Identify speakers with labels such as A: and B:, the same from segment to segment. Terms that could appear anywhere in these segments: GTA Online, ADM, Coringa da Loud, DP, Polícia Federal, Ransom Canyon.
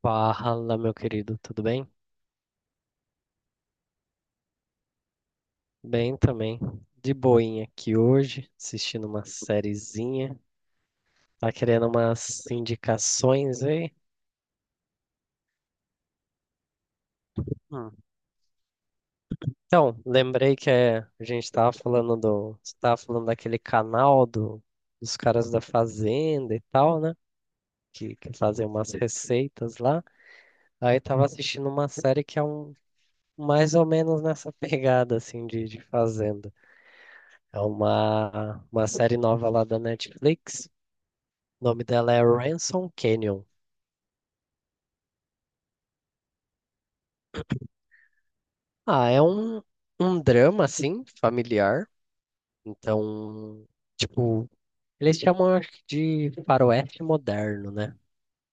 A: Fala, meu querido, tudo bem? Bem também. De boinha aqui hoje, assistindo uma sériezinha. Tá querendo umas indicações aí? Hum. Então, lembrei a gente tava falando você tava falando daquele canal dos caras da fazenda e tal, né? Que fazem umas receitas lá. Aí tava assistindo uma série que é um mais ou menos nessa pegada assim de fazenda. É uma série nova lá da Netflix. O nome dela é Ransom Canyon. É um drama, assim, familiar. Então, tipo, eles chamam, acho que, de faroeste moderno, né?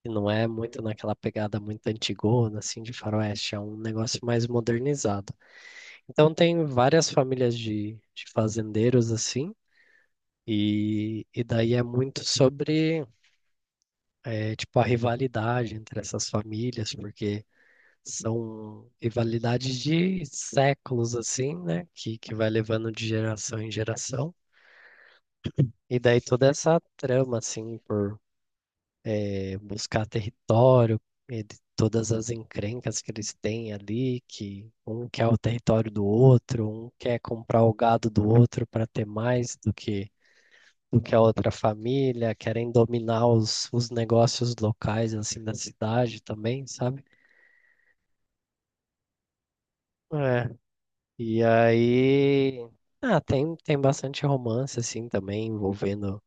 A: E não é muito naquela pegada muito antigona, assim, de faroeste. É um negócio mais modernizado. Então, tem várias famílias de fazendeiros, assim. E daí é muito sobre, tipo, a rivalidade entre essas famílias, porque são rivalidades de séculos, assim, né? Que vai levando de geração em geração. E daí toda essa trama, assim, por buscar território, e de todas as encrencas que eles têm ali, que um quer o território do outro, um quer comprar o gado do outro para ter mais do do que a outra família, querem dominar os negócios locais, assim, da cidade também, sabe? É. E aí, ah, tem, tem bastante romance, assim, também, envolvendo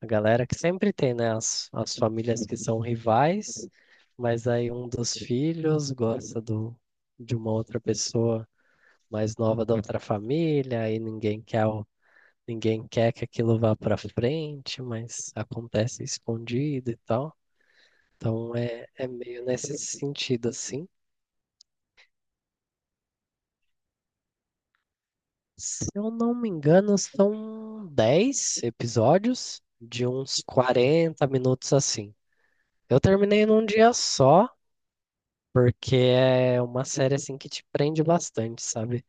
A: a galera, que sempre tem, né? As famílias que são rivais, mas aí um dos filhos gosta de uma outra pessoa mais nova da outra família, aí ninguém quer, ninguém quer que aquilo vá pra frente, mas acontece escondido e tal. Então é, é meio nesse sentido, assim. Se eu não me engano, são 10 episódios de uns 40 minutos assim. Eu terminei num dia só, porque é uma série assim que te prende bastante, sabe?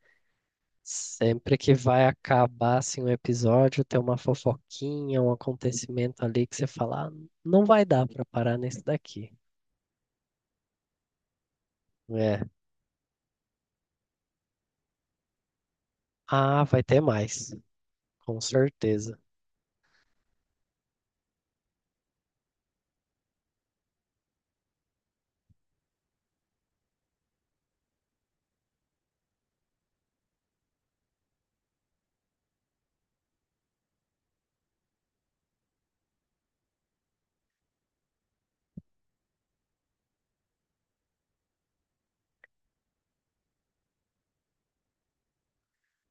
A: Sempre que vai acabar assim um episódio, tem uma fofoquinha, um acontecimento ali que você fala, "Ah, não vai dar pra parar nesse daqui." É. Ah, vai ter mais, com certeza.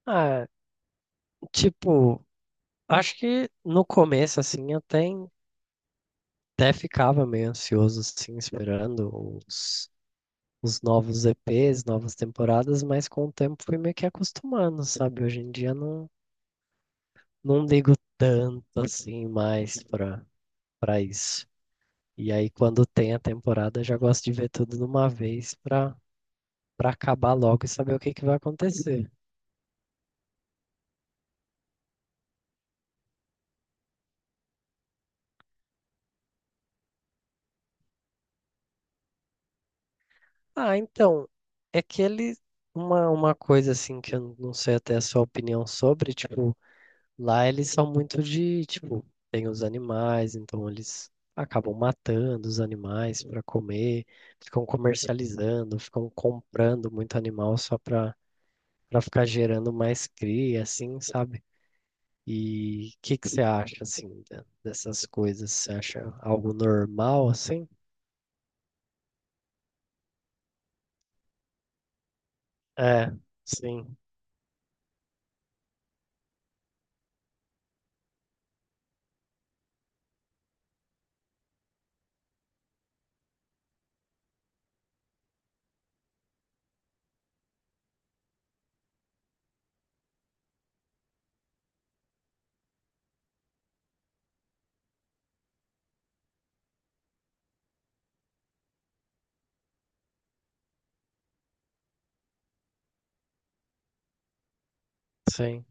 A: Ah, tipo, acho que no começo assim eu até Até ficava meio ansioso, assim, esperando os novos EPs, novas temporadas, mas com o tempo fui meio que acostumando, sabe? Hoje em dia não, não ligo tanto, assim, mais pra isso. E aí, quando tem a temporada, já gosto de ver tudo de uma vez pra acabar logo e saber o que que vai acontecer. Ah, então, é que ele. Uma coisa, assim, que eu não sei até a sua opinião sobre, tipo, lá eles são muito de, tipo, tem os animais, então eles acabam matando os animais para comer, ficam comercializando, ficam comprando muito animal só para ficar gerando mais cria, assim, sabe? E o que que você acha, assim, dessas coisas? Você acha algo normal, assim? É, sim, sim,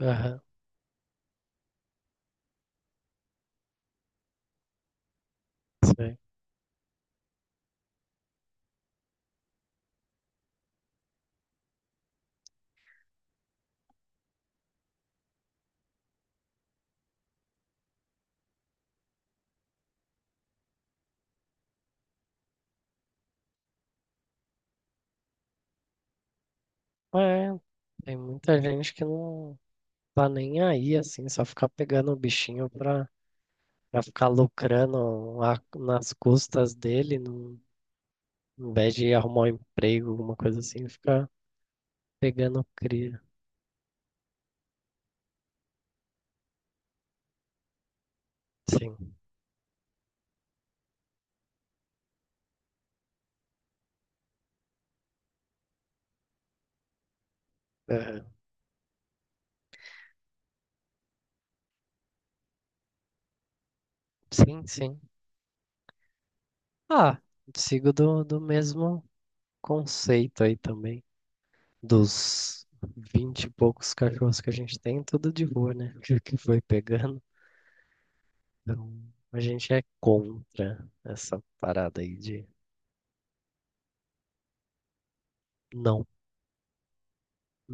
A: aham, sim. É, tem muita gente que não tá nem aí, assim, só ficar pegando o bichinho pra pra ficar lucrando nas custas dele, não, em vez de arrumar um emprego, alguma coisa assim, ficar pegando cria. Sim, aham. Sim, sim. Ah, sigo do mesmo conceito aí também. Dos vinte e poucos cachorros que a gente tem, tudo de boa, né? Que foi pegando. Então, a gente é contra essa parada aí de não,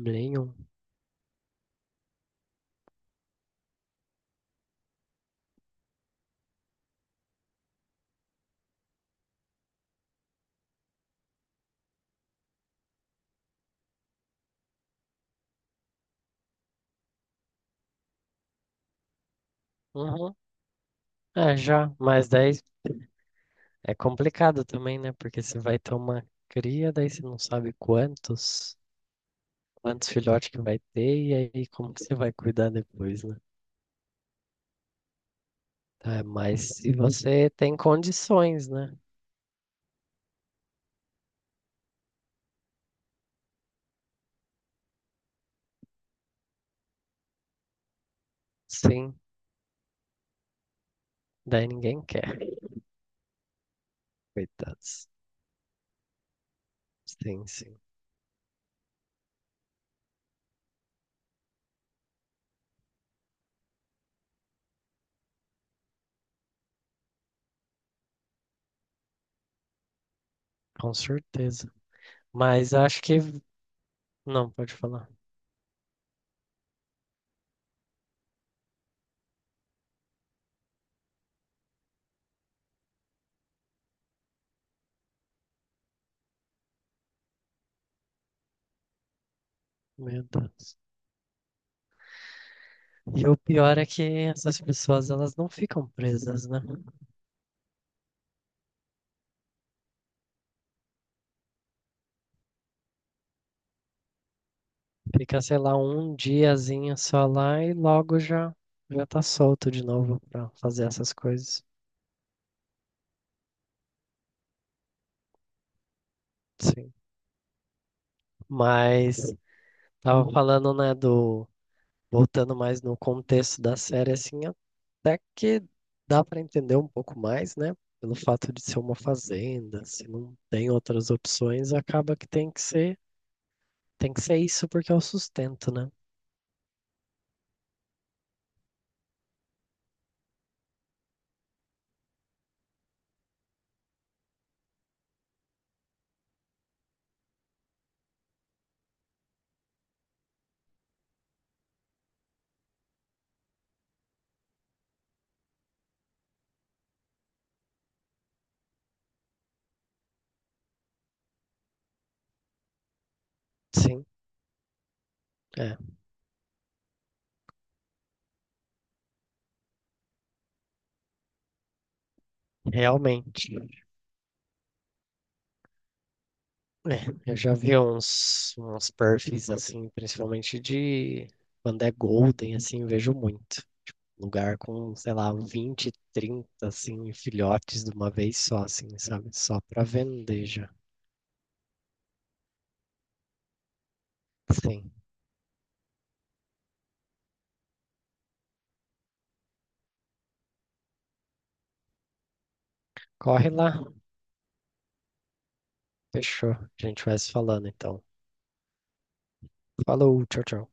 A: nenhum. Uhum. É, já, mais 10. É complicado também, né? Porque você vai ter uma cria, daí você não sabe quantos, quantos filhotes que vai ter, e aí como que você vai cuidar depois, né? Tá, mas se você tem condições, né? Sim, daí ninguém quer. Coitados. Sim, sim, com certeza. Mas acho que. Não, pode falar. Meu Deus. E o pior é que essas pessoas, elas não ficam presas, né? Fica, sei lá, um diazinho só lá e logo já tá solto de novo pra fazer essas coisas. Sim. Mas tava falando, né, do voltando mais no contexto da série assim, até que dá pra entender um pouco mais, né? Pelo fato de ser uma fazenda, se não tem outras opções, acaba que tem que ser isso porque é o sustento, né? Sim, é, realmente. É, eu já vi uns, uns perfis assim, principalmente de quando é golden, assim, vejo muito. Lugar com, sei lá, 20, 30 assim, filhotes de uma vez só, assim, sabe? Só pra vender já. Sim. Corre lá. Fechou. A gente vai se falando, então. Falou, tchau, tchau.